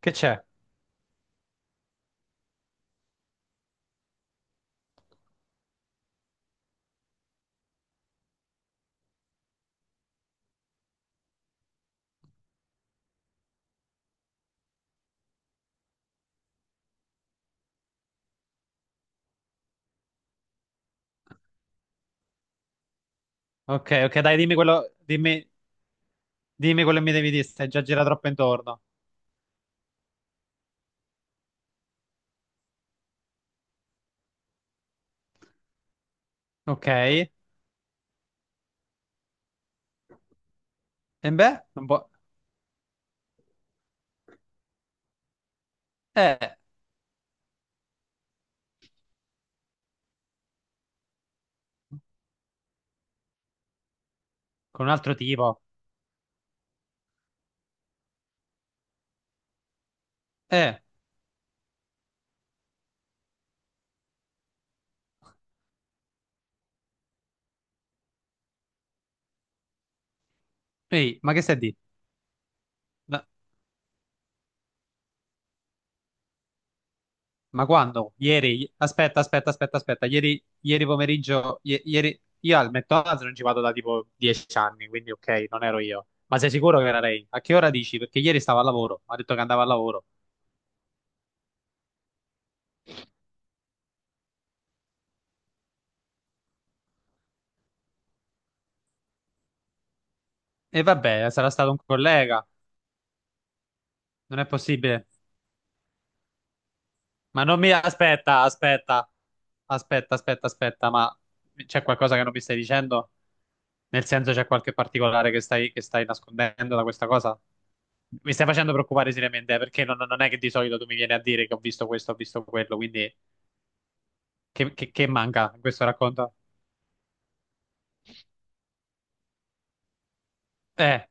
Che c'è? Ok, ok, dai, dimmi quello che mi devi dire. Stai già gira troppo intorno. Ok, e beh, non può... Eh, con un altro tipo. Eh, Ehi, ma che stai di? Ma, ma quando? Ieri? Aspetta, aspetta, aspetta, aspetta, ieri pomeriggio, ieri... Io al McDonald's non ci vado da tipo 10 anni, quindi ok, non ero io. Ma sei sicuro che era lei? A che ora dici? Perché ieri stavo al lavoro, ha detto che andava al lavoro. E vabbè, sarà stato un collega, non è possibile. Ma non mi aspetta, aspetta, aspetta, aspetta, aspetta, ma c'è qualcosa che non mi stai dicendo? Nel senso, c'è qualche particolare che stai nascondendo da questa cosa? Mi stai facendo preoccupare seriamente, perché non è che di solito tu mi vieni a dire che ho visto questo, ho visto quello, quindi che, che manca in questo racconto? Eh,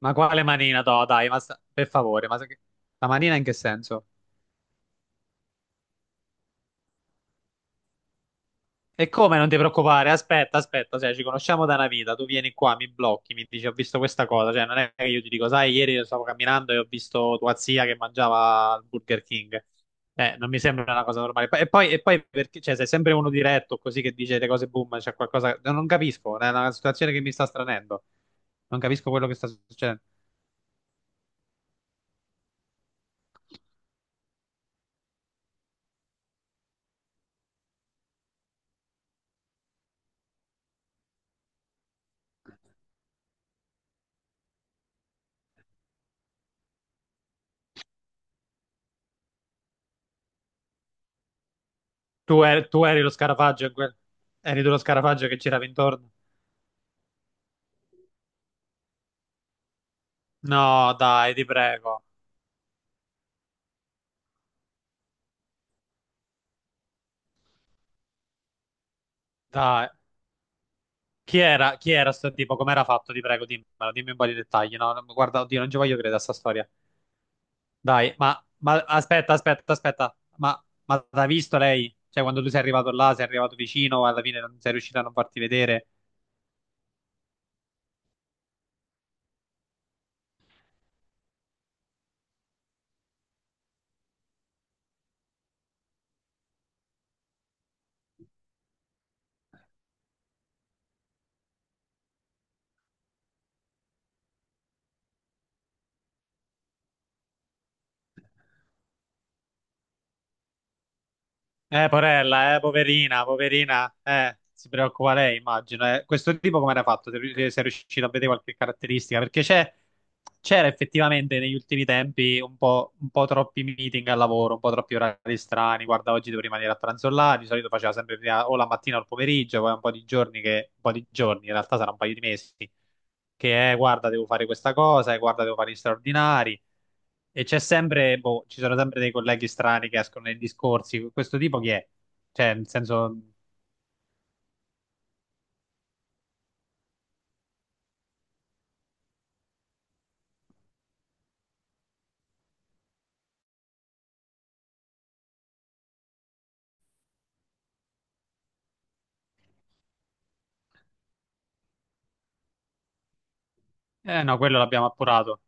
ma quale manina, no, dai, ma per favore, ma la manina in che senso? E come non ti preoccupare? Aspetta, aspetta, cioè, ci conosciamo da una vita, tu vieni qua, mi blocchi, mi dici ho visto questa cosa, cioè non è che io ti dico, sai, ieri stavo camminando e ho visto tua zia che mangiava il Burger King. Non mi sembra una cosa normale. E poi perché, cioè, sei sempre uno diretto così che dice le cose boom, c'è qualcosa, non capisco, è una situazione che mi sta stranendo. Non capisco quello che sta succedendo. Tu, eri lo scarafaggio, eri tu lo scarafaggio che girava intorno. No, dai, ti prego. Dai. Chi era sto tipo? Com'era fatto? Ti prego, dimmelo, dimmi un po' di dettagli. No, no, guarda, oddio, non ci voglio credere a sta storia. Dai, ma aspetta, aspetta, aspetta. Ma l'ha visto lei? Cioè, quando tu sei arrivato là, sei arrivato vicino, alla fine non sei riuscito a non farti vedere. Porella, poverina, poverina, si preoccupa lei, immagino. Eh. Questo tipo come era fatto? Se è riuscito a vedere qualche caratteristica? Perché c'è, c'era effettivamente negli ultimi tempi un po' troppi meeting al lavoro, un po' troppi orari strani. Guarda, oggi devo rimanere a pranzo là, di solito faceva sempre prima o la mattina o il pomeriggio, poi un po' di giorni, in realtà sarà un paio di mesi, che è, guarda, devo fare questa cosa, e guarda, devo fare gli straordinari. E c'è sempre, boh, ci sono sempre dei colleghi strani che escono nei discorsi. Questo tipo chi è? Cioè, nel senso, eh no, quello l'abbiamo appurato.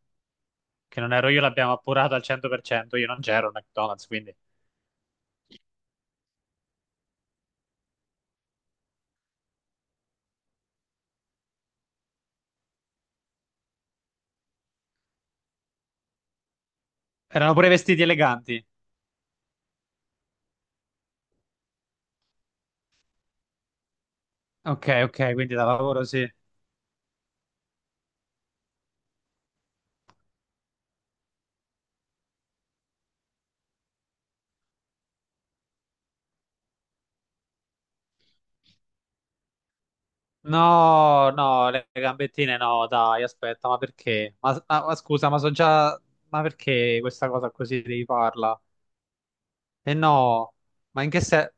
Che non ero io, l'abbiamo appurato al 100%. Io non c'ero al McDonald's, quindi. Erano pure vestiti eleganti. Ok, ok, quindi da lavoro sì. No, no, le gambettine no, dai, aspetta, ma perché? Ma, ma scusa, ma so già. Ma perché questa cosa così devi farla? E no, ma in che senso?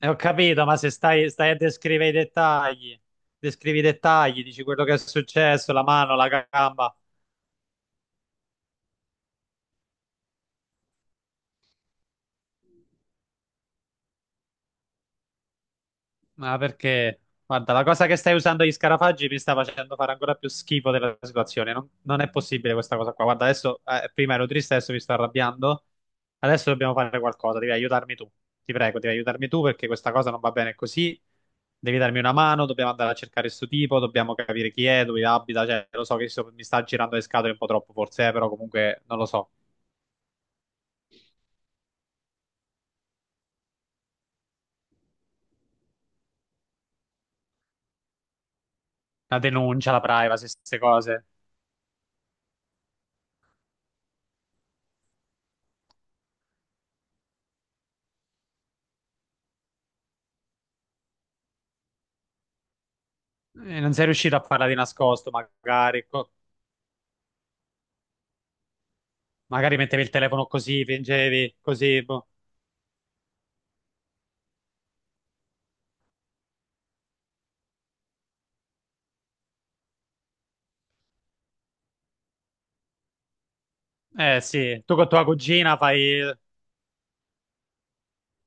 Ho capito, ma se stai a descrivere i dettagli, descrivi i dettagli, dici quello che è successo, la mano, la gamba. Ma perché? Guarda, la cosa che stai usando gli scarafaggi mi sta facendo fare ancora più schifo della situazione. Non è possibile questa cosa qua. Guarda, adesso prima ero triste, adesso mi sto arrabbiando. Adesso dobbiamo fare qualcosa. Devi aiutarmi tu. Ti prego, devi aiutarmi tu perché questa cosa non va bene così. Devi darmi una mano. Dobbiamo andare a cercare questo tipo. Dobbiamo capire chi è, dove abita. Cioè, lo so che mi sta girando le scatole un po' troppo, forse, però comunque non lo so. La denuncia, la privacy, queste cose. Non sei riuscito a farla di nascosto, magari. Magari mettevi il telefono così, fingevi, così. Boh. Eh sì, tu con tua cugina fai...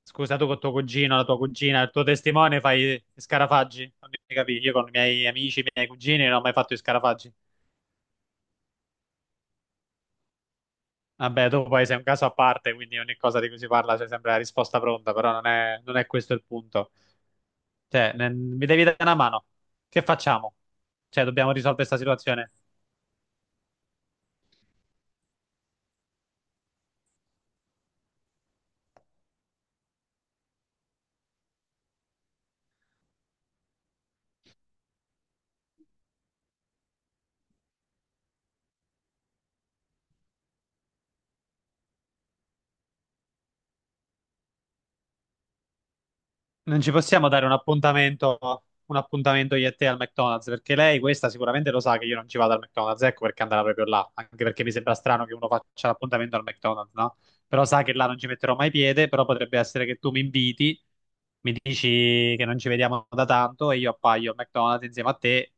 Scusa, tu con tuo cugino, la tua cugina, il tuo testimone fai gli scarafaggi. Non mi capi, io con i miei amici, i miei cugini non ho mai fatto i scarafaggi. Vabbè, tu poi sei un caso a parte, quindi ogni cosa di cui si parla c'è sempre la risposta pronta, però non è questo il punto. Cioè, mi devi dare una mano. Che facciamo? Cioè, dobbiamo risolvere questa situazione. Non ci possiamo dare un appuntamento io e te al McDonald's, perché lei questa sicuramente lo sa che io non ci vado al McDonald's, ecco perché andava proprio là, anche perché mi sembra strano che uno faccia l'appuntamento al McDonald's, no? Però sa che là non ci metterò mai piede, però potrebbe essere che tu mi inviti, mi dici che non ci vediamo da tanto e io appaio al McDonald's insieme a te.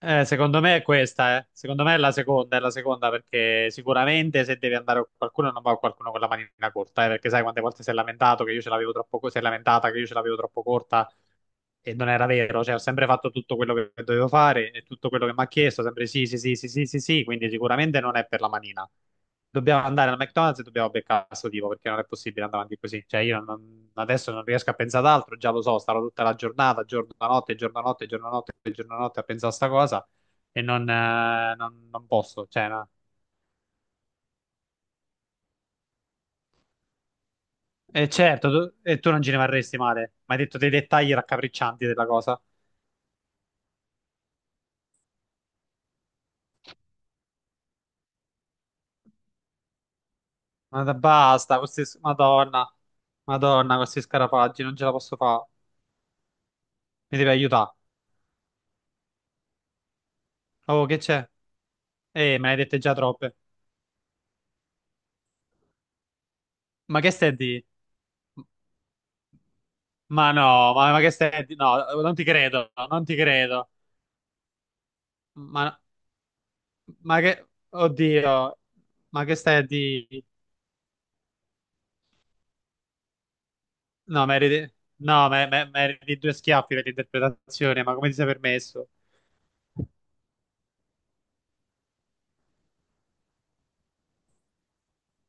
Secondo me è questa, eh. Secondo me è la seconda perché sicuramente se devi andare con qualcuno non va con qualcuno con la manina corta, perché sai quante volte si è lamentato che io ce l'avevo troppo, si è lamentata che io ce l'avevo troppo corta e non era vero, cioè ho sempre fatto tutto quello che dovevo fare e tutto quello che mi ha chiesto, sempre sì, sì, sì, sì, sì, sì, sì, quindi sicuramente non è per la manina. Dobbiamo andare al McDonald's e dobbiamo beccare questo tipo perché non è possibile andare avanti così. Cioè io adesso non riesco a pensare ad altro, già lo so, starò tutta la giornata, giorno a notte, giorno a notte, giorno a notte, giorno a notte a pensare a sta cosa e non posso. Cioè, no. E certo, tu, e tu non ci rimarresti male, mi hai detto dei dettagli raccapriccianti della cosa. Ma basta, questi... Madonna, Madonna, questi scarafaggi, non ce la posso fare. Mi devi aiutare. Oh, che c'è? Me ne hai dette già troppe. Ma che stai di? Ma no, ma che stai di? No, non ti credo, non ti credo. Ma, ma che... Oddio, ma che stai di? No, meriti... No, meriti due schiaffi per l'interpretazione, ma come ti sei permesso?